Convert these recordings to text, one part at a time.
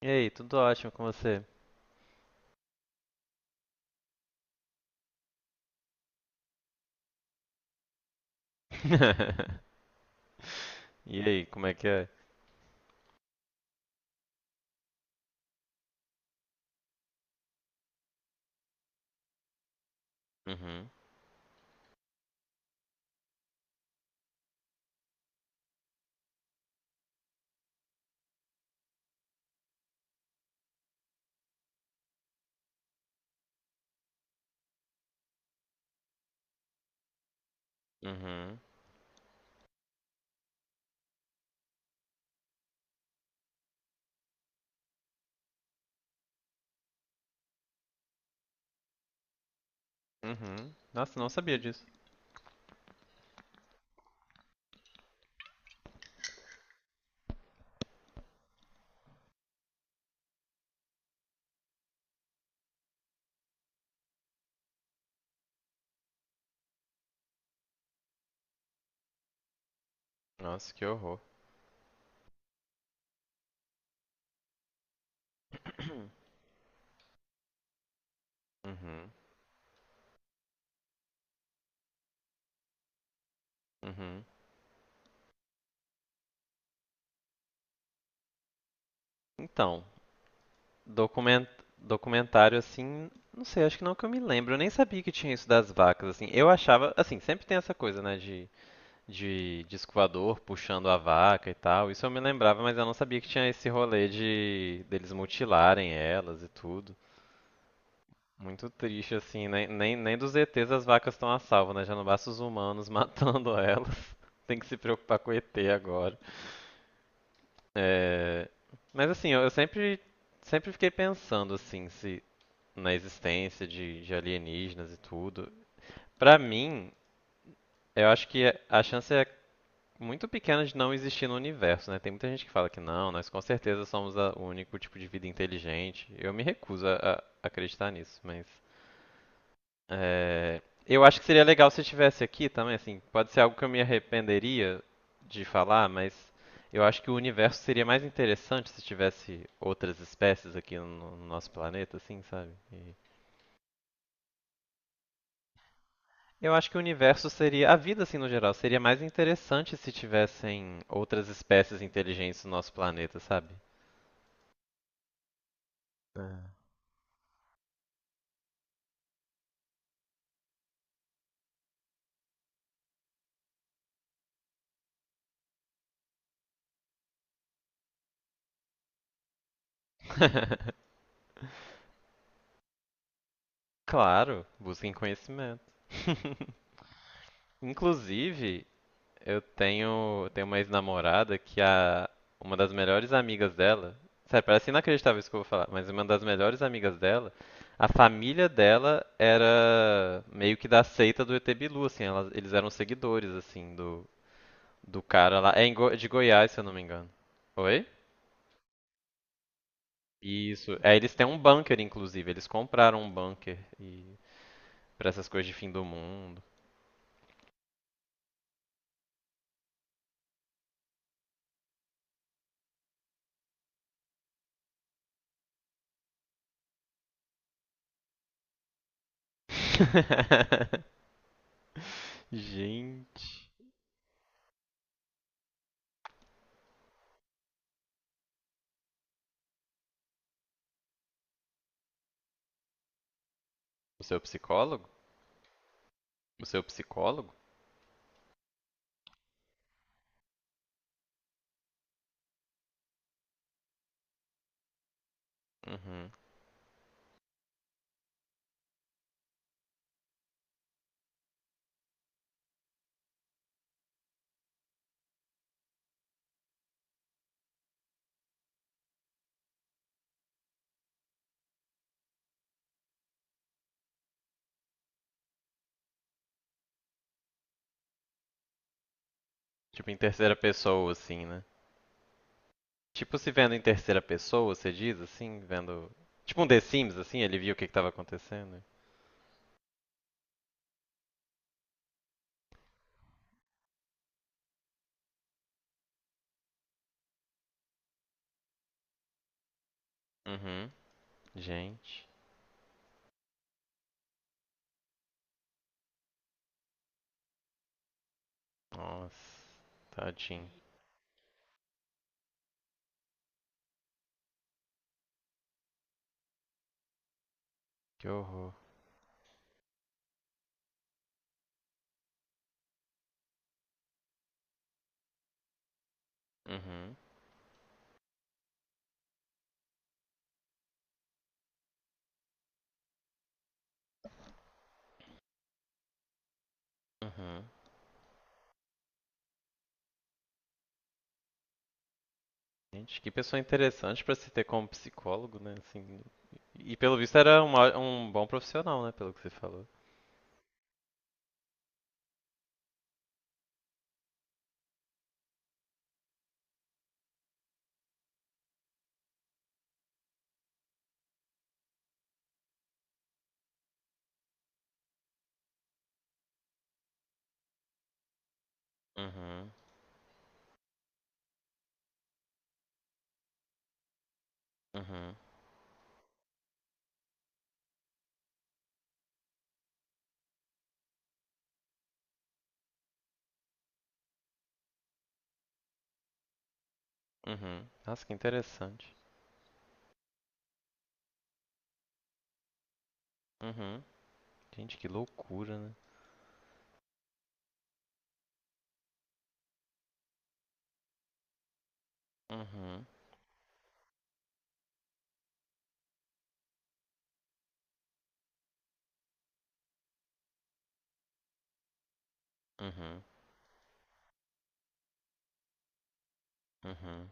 E aí, tudo ótimo com você? E aí, como é que é? Uhum, uhum, uhum. Nossa, não sabia disso. Nossa, que horror. Uhum, uhum. Então, document... documentário assim, não sei, acho que não que eu me lembro. Eu nem sabia que tinha isso das vacas, assim. Eu achava, assim, sempre tem essa coisa, né, de disco voador puxando a vaca e tal. Isso eu me lembrava, mas eu não sabia que tinha esse rolê de deles mutilarem elas e tudo. Muito triste, assim, nem dos ETs as vacas estão a salvo, né? Já não basta os humanos matando elas. Tem que se preocupar com o ET agora. É, mas assim, eu sempre fiquei pensando, assim, se na existência de alienígenas e tudo. Pra mim, eu acho que a chance é muito pequena de não existir no universo, né? Tem muita gente que fala que não, nós com certeza somos o único tipo de vida inteligente. Eu me recuso a acreditar nisso, mas é, eu acho que seria legal se estivesse aqui também, assim, pode ser algo que eu me arrependeria de falar, mas eu acho que o universo seria mais interessante se tivesse outras espécies aqui no nosso planeta, assim, sabe? E eu acho que o universo seria, a vida assim no geral, seria mais interessante se tivessem outras espécies inteligentes no nosso planeta, sabe? Claro, busquem conhecimento. Inclusive, eu tenho uma ex-namorada que a, uma das melhores amigas dela, sério, parece inacreditável isso que eu vou falar, mas uma das melhores amigas dela, a família dela era meio que da seita do ET Bilu, assim, eles eram seguidores, assim, do cara lá. É de Goiás, se eu não me engano. Oi? Isso. É, eles têm um bunker, inclusive. Eles compraram um bunker e para essas coisas de fim do mundo. Gente. O seu psicólogo? O seu psicólogo? Uhum. Tipo, em terceira pessoa, assim, né? Tipo, se vendo em terceira pessoa, você diz, assim, vendo. Tipo um The Sims, assim, ele viu o que que tava acontecendo. Uhum. Gente, nossa, tadinho. Que horror. Uhum. Uhum. Gente, que pessoa interessante pra se ter como psicólogo, né? Assim, e pelo visto era um bom profissional, né? Pelo que você falou. Uhum. Uhum. Uhum. Nossa, que interessante. Uhum. Gente, que loucura, né? Uhum. Uhum. Uhum.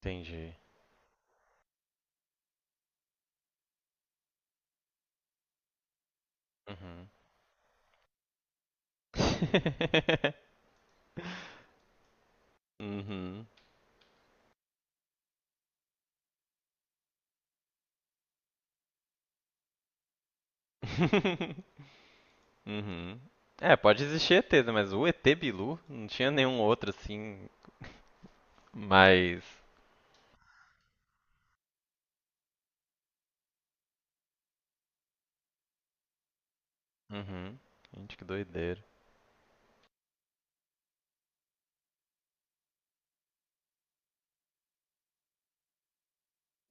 Entendi. Uhum. Uhum. Uhum. É, pode existir ETs, né, mas o ET Bilu não tinha nenhum outro assim, mais. Uhum. Gente, que doideira.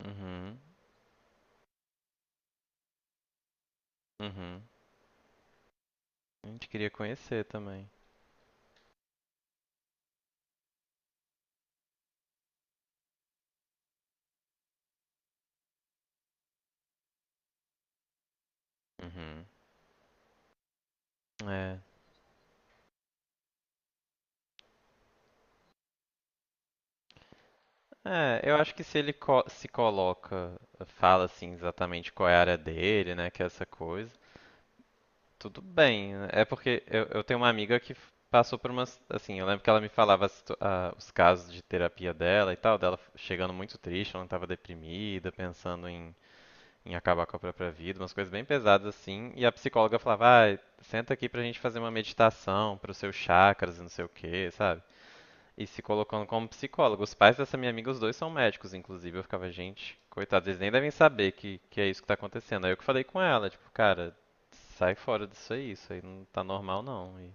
Uhum. Uhum. A gente queria conhecer também. Uhum. É. É, eu acho que se ele se coloca, fala assim exatamente qual é a área dele, né, que é essa coisa, tudo bem. É porque eu tenho uma amiga que passou por umas. Assim, eu lembro que ela me falava a os casos de terapia dela e tal, dela chegando muito triste, ela estava deprimida, pensando em acabar com a própria vida, umas coisas bem pesadas assim. E a psicóloga falava: ah, senta aqui pra gente fazer uma meditação para os seus chakras e não sei o quê, sabe? E se colocando como psicólogo. Os pais dessa minha amiga, os dois são médicos, inclusive. Eu ficava, gente, coitados, eles nem devem saber que é isso que tá acontecendo. Aí eu que falei com ela, tipo, cara, sai fora disso aí, isso aí não tá normal não. E...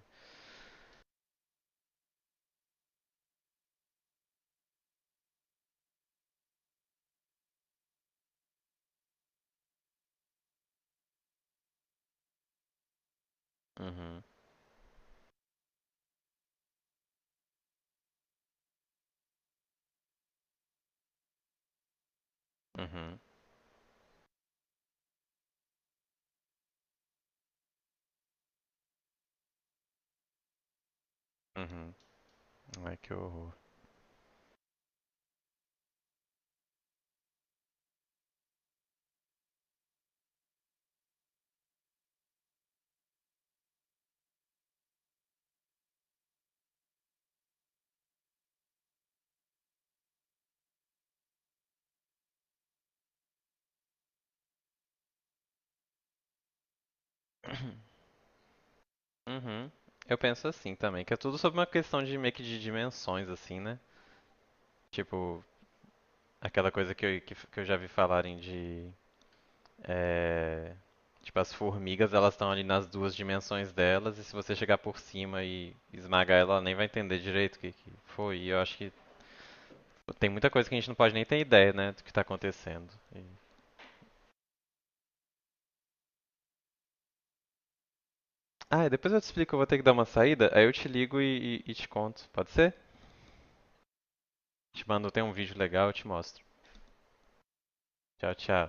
Uhum, uhum, uhum. Ai, que horror. Uhum. Eu penso assim também, que é tudo sobre uma questão de meio que de dimensões, assim, né? Tipo, aquela coisa que eu já vi falarem de. É, tipo, as formigas, elas estão ali nas duas dimensões delas, e se você chegar por cima e esmagar ela, ela nem vai entender direito o que, que foi. E eu acho que tem muita coisa que a gente não pode nem ter ideia, né, do que tá acontecendo. Ah, e depois eu te explico, eu vou ter que dar uma saída, aí eu te ligo e te conto, pode ser? Te mando, tem um vídeo legal, eu te mostro. Tchau, tchau.